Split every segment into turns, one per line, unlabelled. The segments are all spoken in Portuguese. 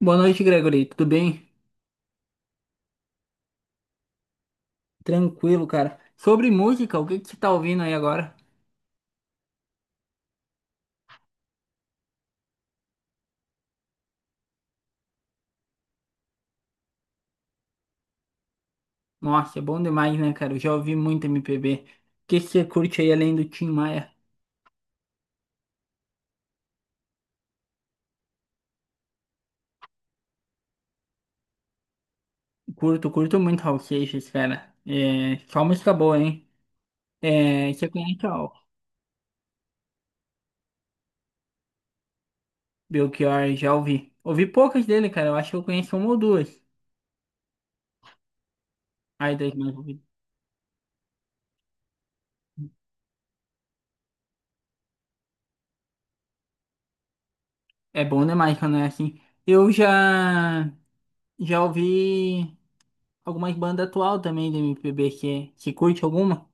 Boa noite, Gregory. Tudo bem? Tranquilo, cara. Sobre música, o que você tá ouvindo aí agora? Nossa, é bom demais, né, cara? Eu já ouvi muito MPB. O que você curte aí além do Tim Maia? Curto muito Raul Seixas, cara. É, só música boa, hein? É, você conhece o Belchior? Já ouvi. Ouvi poucas dele, cara. Eu acho que eu conheço uma ou duas. Ai, das mais ouvidas. É bom demais quando é assim. Eu já, já ouvi algumas bandas atual também de MPB. Você curte alguma?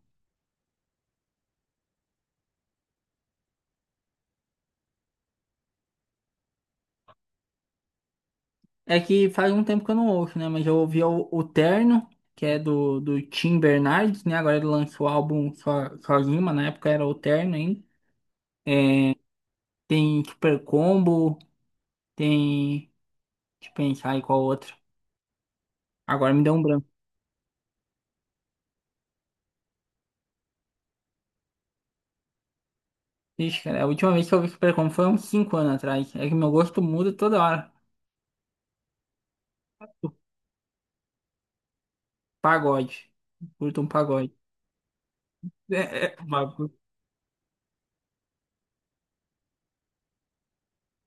É que faz um tempo que eu não ouço, né? Mas eu ouvi o Terno, que é do Tim Bernardes, né? Agora ele lançou o álbum sozinho, mas na época era o Terno ainda. Tem Super Combo, tem. Deixa eu pensar aí qual outro. Agora me deu um branco. Ixi, cara, a última vez que eu vi Super Combo foi uns cinco anos atrás. É que meu gosto muda toda hora. O pagode. Curto um pagode. É, é, um bagulho.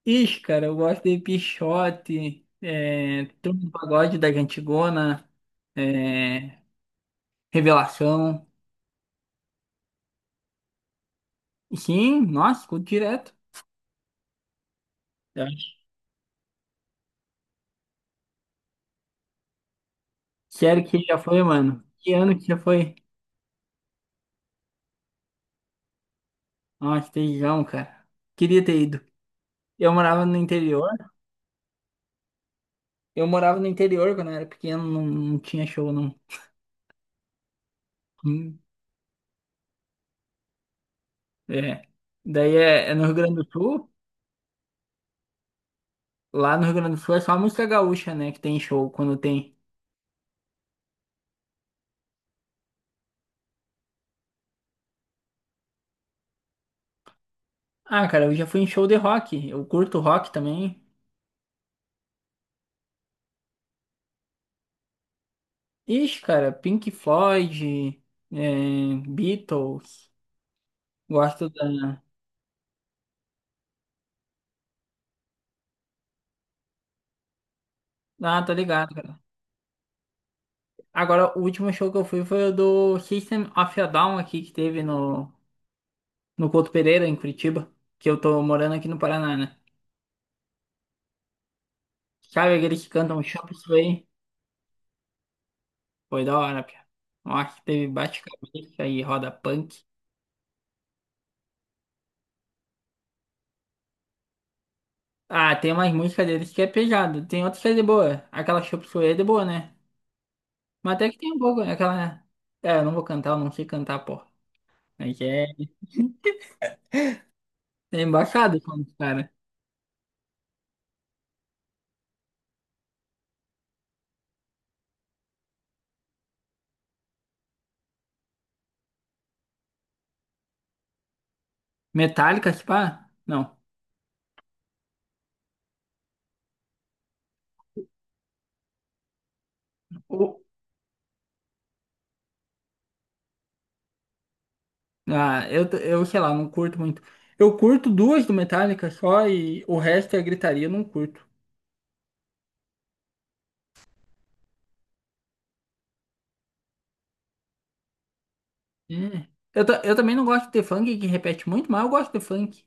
Ixi, cara, eu gosto de Pixote, é, Turma do Pagode da Antigona. Revelação. Sim, nossa, escuto direto. Eu acho. Sério que já foi, mano? Que ano que já foi? Nossa, teijão, cara. Queria ter ido. Eu morava no interior. Eu morava no interior quando eu era pequeno, não tinha show, não. Hum, É. Daí é, é no Rio Grande do Sul. Lá no Rio Grande do Sul é só a música gaúcha, né? Que tem show quando tem. Ah, cara, eu já fui em show de rock. Eu curto rock também. Ixi, cara, Pink Floyd, é, Beatles. Gosto da. Ah, tô ligado, cara. Agora, o último show que eu fui foi o do System of a Down aqui, que teve no Couto Pereira, em Curitiba, que eu tô morando aqui no Paraná, né? Sabe aqueles que cantam Chop Suey? Foi da hora, pia. Nossa, teve bate-cabeça e roda punk. Ah, tem umas músicas deles que é pesado, tem outras que é de boa. Aquela Chop Suey é de boa, né? Mas até que tem um pouco, né? Né? É, eu não vou cantar, eu não sei cantar, pô. Aí que é... É embaçado, como os cara. Metallica, se pá? Não. O, Ah, eu, t- Eu sei lá, não curto muito. Eu curto duas do Metallica só e o resto é gritaria, eu não curto. É. Eu também não gosto de funk que repete muito, mas eu gosto de funk.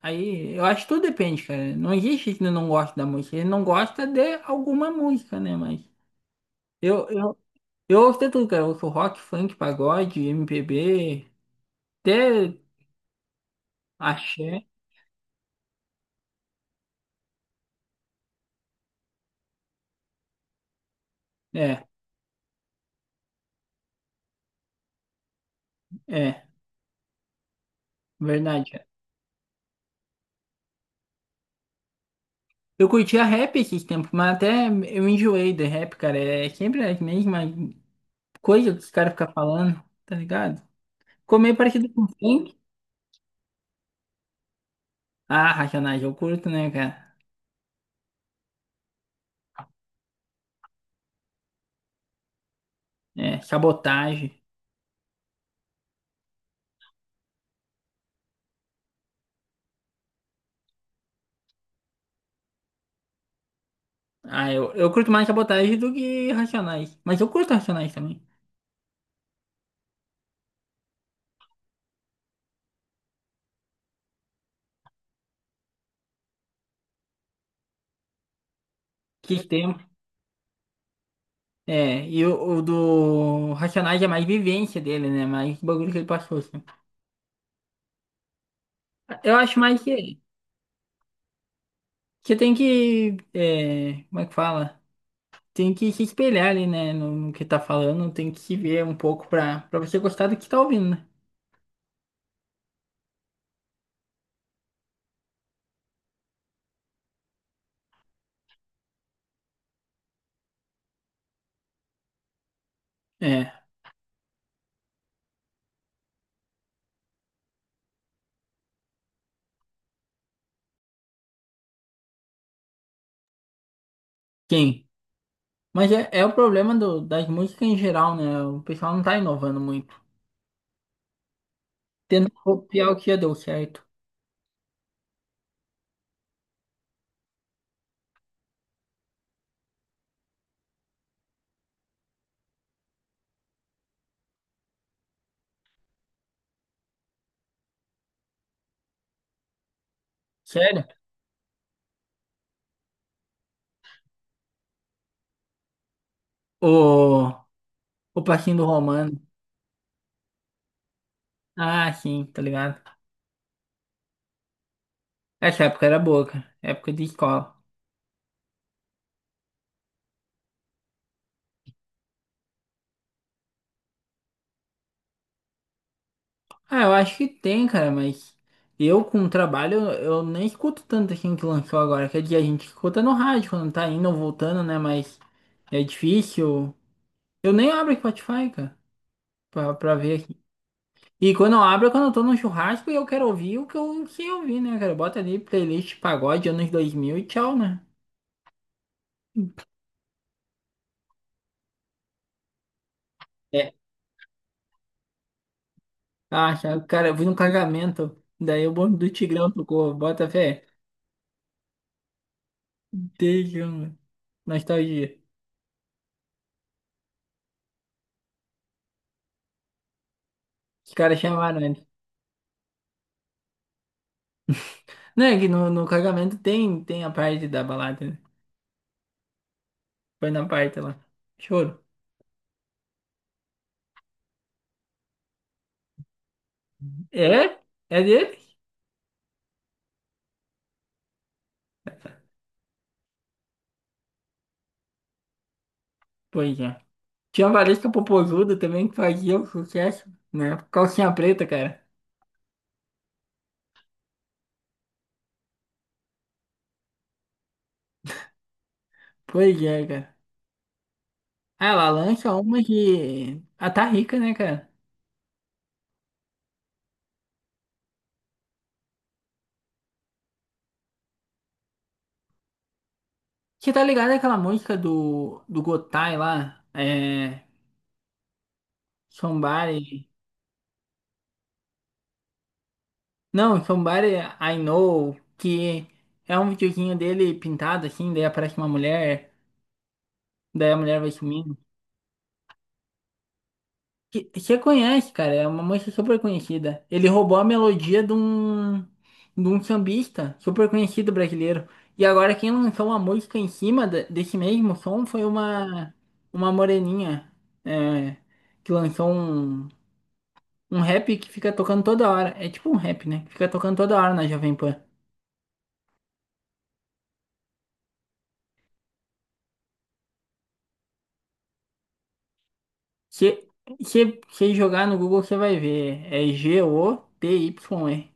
Aí eu acho que tudo depende, cara. Não existe que não gosta da música. Ele não gosta de alguma música, né? Mas eu, eu, eu ouço de tudo, cara. Eu ouço rock, funk, pagode, MPB, até axé. É, é, verdade. Cara. Eu curtia rap esses tempos, mas até eu enjoei de rap, cara. É sempre as mesmas. Coisa que os caras ficam falando, tá ligado? Comer parecido com funk. Ah, racionais, eu curto, né, cara? É, sabotagem. Ah, eu curto mais sabotagem do que racionais. Mas eu curto racionais também. Que tempo. É, e o do Racionais é mais vivência dele, né? Mais bagulho que ele passou, assim. Eu acho mais que você tem que. É, como é que fala? Tem que se espelhar ali, né? No que tá falando, tem que se ver um pouco pra você gostar do que tá ouvindo, né? É. Quem? Mas é o problema do- das músicas em geral, né? O pessoal não tá inovando muito. Tendo copiar o que já deu certo. Sério? O, o passinho do Romano. Ah, sim, tá ligado? Essa época era boa, cara. Época de escola. Ah, eu acho que tem, cara, mas eu com o trabalho, eu nem escuto tanto assim que lançou agora. Quer dizer, a gente escuta no rádio quando tá indo ou voltando, né? Mas é difícil. Eu nem abro Spotify, cara, pra ver. E quando eu abro, é quando eu tô num churrasco e eu quero ouvir o que eu ouvir, né, cara? Bota ali playlist pagode anos 2000 e tchau, né? É, Ah, já- cara, eu fui num casamento, daí o bonde do Tigrão tocou, bota fé. Tejão, mano. Nostalgia. Os caras chamaram ele. Não, é que no casamento tem, tem a parte da balada, né? Foi na parte lá. Choro. É? É dele? Pois é. Tinha a Valesca Popozuda também que fazia o sucesso, né? Calcinha preta, cara. Pois é, cara. Ah, ela lança uma que. Ah, tá rica, né, cara? Você tá ligado àquela música do Gotye lá? É. Somebody. Não, Somebody I Know, que é um videozinho dele pintado assim, daí aparece uma mulher, daí a mulher vai sumindo. Que- Você conhece, cara, é uma música super conhecida. Ele roubou a melodia de um sambista super conhecido brasileiro. E agora quem lançou uma música em cima da- desse mesmo som foi uma moreninha, é, que lançou um, um rap que fica tocando toda hora. É tipo um rap, né? Que fica tocando toda hora na Jovem Pan. Se você jogar no Google, você vai ver. É Gotye.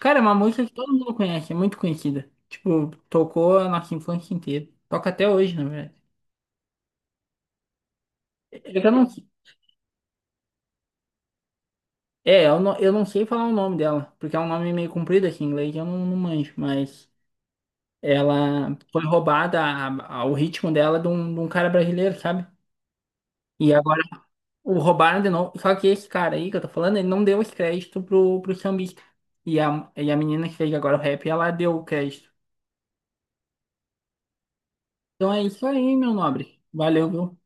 Cara, é uma música que todo mundo conhece, é muito conhecida. Tipo, tocou a nossa infância inteira. Toca até hoje, na verdade. É que eu não, é, eu não sei falar o nome dela, porque é um nome meio comprido aqui em inglês, eu não, não manjo, mas ela foi roubada, o ritmo dela, de um cara brasileiro, sabe? E agora o roubaram de novo. Só que esse cara aí que eu tô falando, ele não deu esse crédito pro sambista. E e a menina que fez agora o rap, ela deu o crédito. Então é isso aí, meu nobre. Valeu, viu?